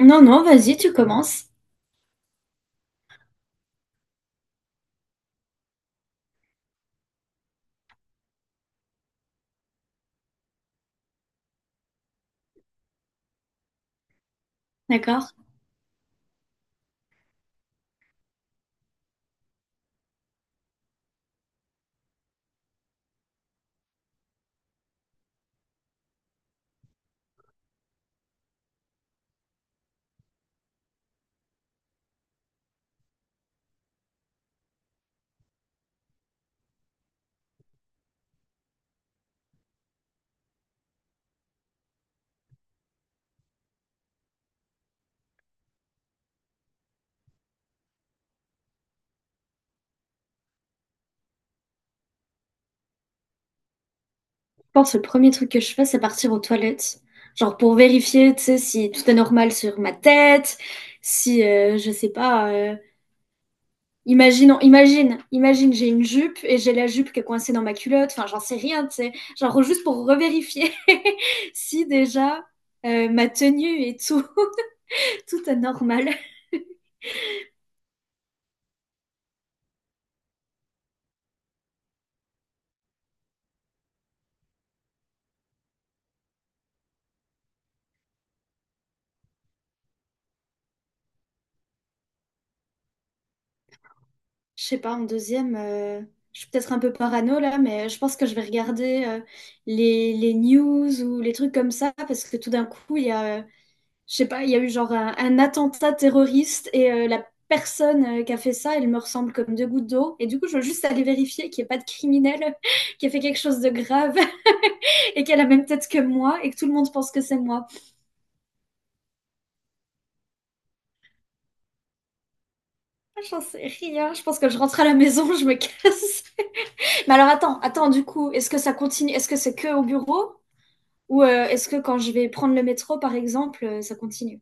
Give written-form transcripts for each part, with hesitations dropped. Non, non, vas-y, tu commences. D'accord? Je pense que le premier truc que je fais, c'est partir aux toilettes. Genre pour vérifier, tu sais, si tout est normal sur ma tête, si, je sais pas, imagine, j'ai une jupe et j'ai la jupe qui est coincée dans ma culotte, enfin, j'en sais rien, tu sais. Genre juste pour revérifier si déjà ma tenue et tout, tout est normal. Je sais pas, en deuxième, je suis peut-être un peu parano là, mais je pense que je vais regarder les news ou les trucs comme ça, parce que tout d'un coup, il y a, je sais pas, il y a eu genre un attentat terroriste et la personne qui a fait ça, elle me ressemble comme deux gouttes d'eau. Et du coup, je veux juste aller vérifier qu'il n'y ait pas de criminel qui a fait quelque chose de grave et qu'elle a la même tête que moi et que tout le monde pense que c'est moi. Ah, j'en sais rien, je pense que je rentre à la maison, je me casse. Mais alors attends, attends, du coup, est-ce que ça continue? Est-ce que c'est que au bureau? Ou est-ce que quand je vais prendre le métro, par exemple, ça continue?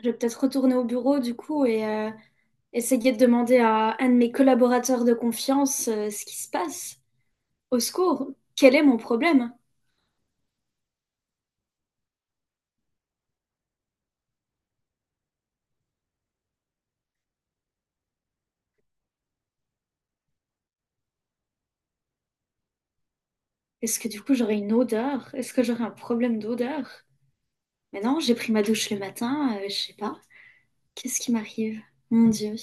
Je vais peut-être retourner au bureau du coup et essayer de demander à un de mes collaborateurs de confiance ce qui se passe. Au secours, quel est mon problème? Est-ce que du coup j'aurai une odeur? Est-ce que j'aurai un problème d'odeur? Mais non, j'ai pris ma douche le matin, je sais pas. Qu'est-ce qui m'arrive? Mon Dieu,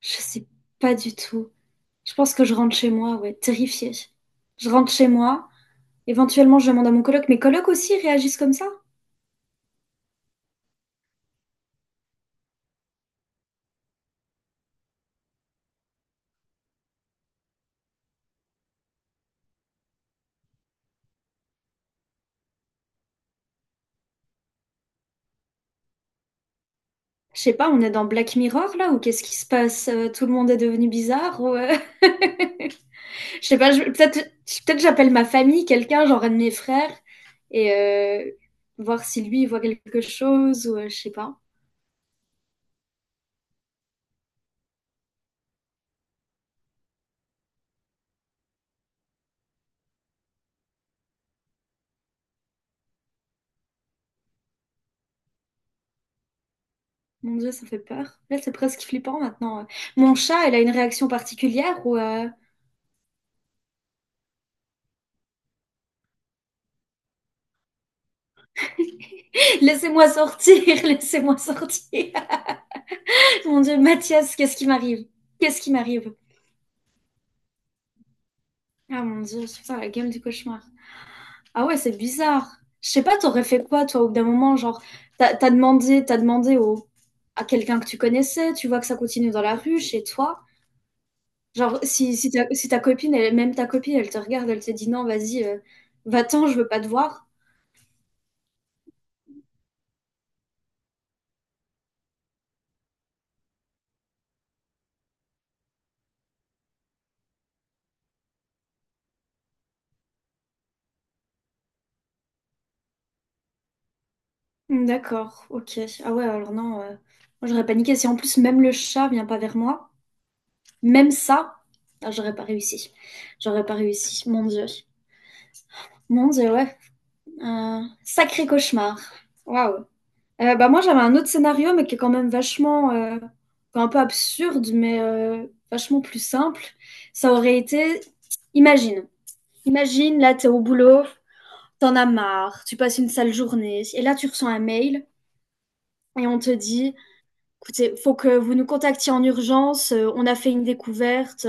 je sais pas du tout. Je pense que je rentre chez moi, ouais, terrifiée. Je rentre chez moi. Éventuellement, je demande à mon coloc. Mes colocs aussi réagissent comme ça? Je sais pas, on est dans Black Mirror là ou qu'est-ce qui se passe? Tout le monde est devenu bizarre? Je sais pas, peut-être j'appelle ma famille, quelqu'un, genre un de mes frères, et voir si lui il voit quelque chose ou je sais pas. Mon Dieu, ça fait peur. Là, c'est presque flippant maintenant. Mon chat, elle a une réaction particulière ou laissez-moi sortir, laissez-moi sortir. Mon Dieu, Mathias, qu'est-ce qui m'arrive? Qu'est-ce qui m'arrive? Ah mon Dieu, putain, la gueule du cauchemar. Ah ouais, c'est bizarre. Je sais pas, t'aurais fait quoi, toi, au bout d'un moment, genre, t'as demandé à quelqu'un que tu connaissais, tu vois que ça continue dans la rue, chez toi. Genre, si ta copine, elle même ta copine, elle te regarde, elle te dit: «Non, vas-y, va-t'en, je veux pas te voir». Mmh, d'accord, OK. Ah ouais, alors non, moi j'aurais paniqué. Si en plus même le chat vient pas vers moi, même ça, ah j'aurais pas réussi. J'aurais pas réussi, mon Dieu. Mon Dieu, ouais. Un sacré cauchemar. Waouh. Bah, moi, j'avais un autre scénario, mais qui est quand même vachement, enfin, un peu absurde, mais vachement plus simple. Ça aurait été imagine imagine, là, t'es au boulot, t'en as marre, tu passes une sale journée, et là, tu reçois un mail et on te dit, écoutez, faut que vous nous contactiez en urgence, on a fait une découverte,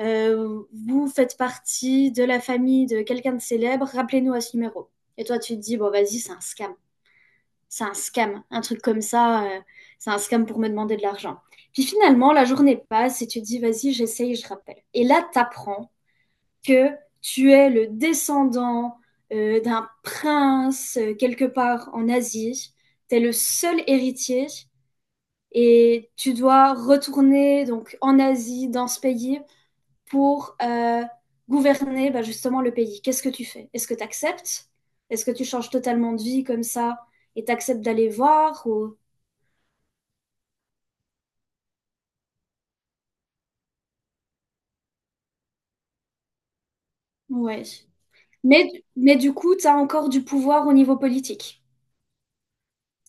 vous faites partie de la famille de quelqu'un de célèbre, rappelez-nous à ce numéro. Et toi, tu te dis, bon, vas-y, c'est un scam, un truc comme ça, c'est un scam pour me demander de l'argent. Puis finalement, la journée passe et tu te dis, vas-y, j'essaye, je rappelle. Et là, t'apprends que tu es le descendant d'un prince quelque part en Asie. Tu es le seul héritier et tu dois retourner donc en Asie, dans ce pays, pour gouverner bah, justement le pays. Qu'est-ce que tu fais? Est-ce que tu acceptes? Est-ce que tu changes totalement de vie comme ça et t'acceptes d'aller voir ou... Ouais. Mais, mais du coup, tu as encore du pouvoir au niveau politique.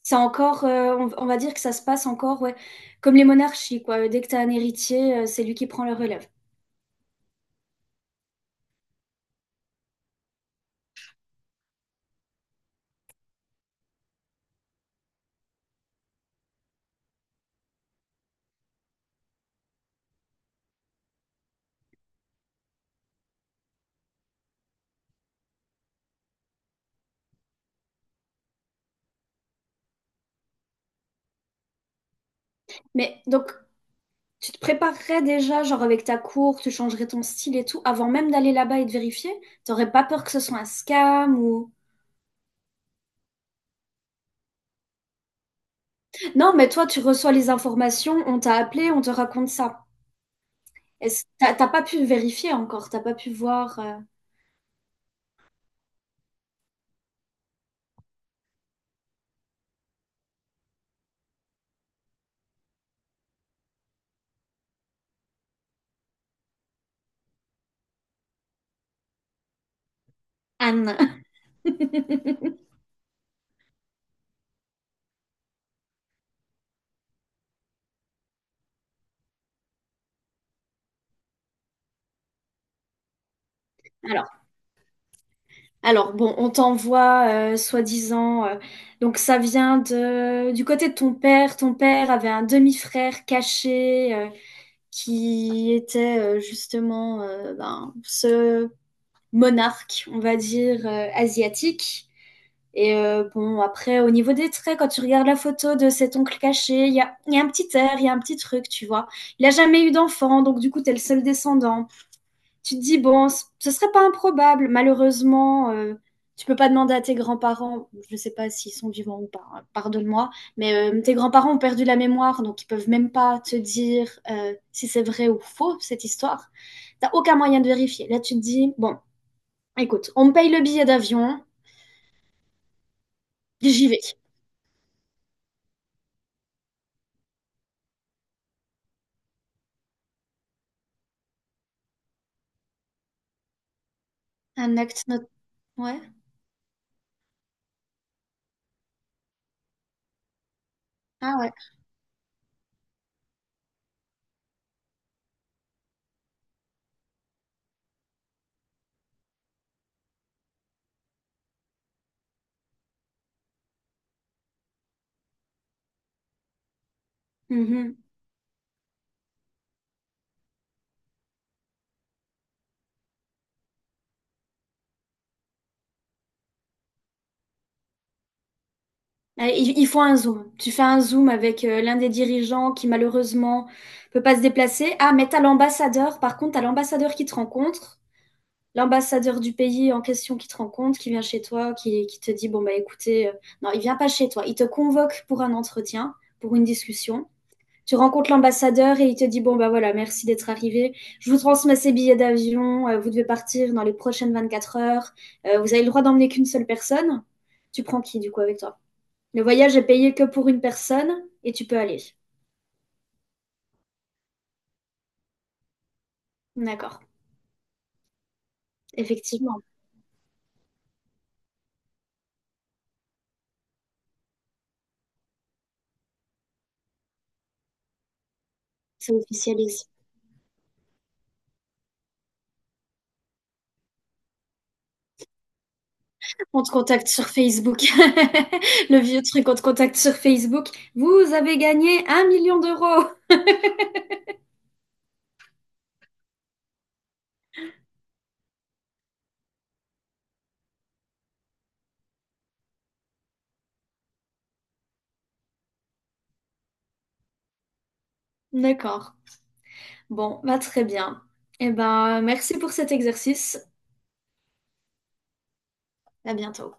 C'est encore, on va dire que ça se passe encore, ouais, comme les monarchies, quoi. Dès que tu as un héritier, c'est lui qui prend le relève. Mais donc, tu te préparerais déjà, genre avec ta cour, tu changerais ton style et tout, avant même d'aller là-bas et de vérifier? T'aurais pas peur que ce soit un scam ou... Non, mais toi, tu reçois les informations, on t'a appelé, on te raconte ça. T'as pas pu vérifier encore, t'as pas pu voir Anne. Alors. Alors bon, on t'envoie soi-disant. Donc ça vient de du côté de ton père. Ton père avait un demi-frère caché qui était justement ben, ce monarque, on va dire asiatique. Et bon, après au niveau des traits, quand tu regardes la photo de cet oncle caché, il y a un petit air, il y a un petit truc, tu vois. Il a jamais eu d'enfant, donc du coup t'es le seul descendant, tu te dis, bon, ce serait pas improbable. Malheureusement, tu peux pas demander à tes grands-parents, je ne sais pas s'ils sont vivants ou pas, hein, pardonne-moi, mais tes grands-parents ont perdu la mémoire, donc ils peuvent même pas te dire si c'est vrai ou faux, cette histoire. T'as aucun moyen de vérifier. Là, tu te dis, bon, écoute, on me paye le billet d'avion, j'y vais. Un acte not... Ouais. Ah ouais. Mhm. Il faut un zoom. Tu fais un zoom avec l'un des dirigeants qui malheureusement peut pas se déplacer. Ah, mais t'as l'ambassadeur. Par contre, t'as l'ambassadeur qui te rencontre, l'ambassadeur du pays en question qui te rencontre, qui vient chez toi, qui te dit, bon, bah écoutez, non, il vient pas chez toi. Il te convoque pour un entretien, pour une discussion. Tu rencontres l'ambassadeur et il te dit, bon, bah voilà, merci d'être arrivé. Je vous transmets ces billets d'avion. Vous devez partir dans les prochaines 24 heures. Vous avez le droit d'emmener qu'une seule personne. Tu prends qui du coup avec toi? Le voyage est payé que pour une personne et tu peux aller. D'accord. Effectivement, ça officialise. On te contacte sur Facebook. Le vieux truc, on te contacte sur Facebook. Vous avez gagné un million d'euros. D'accord. Bon, bah très bien. Eh ben, merci pour cet exercice. À bientôt.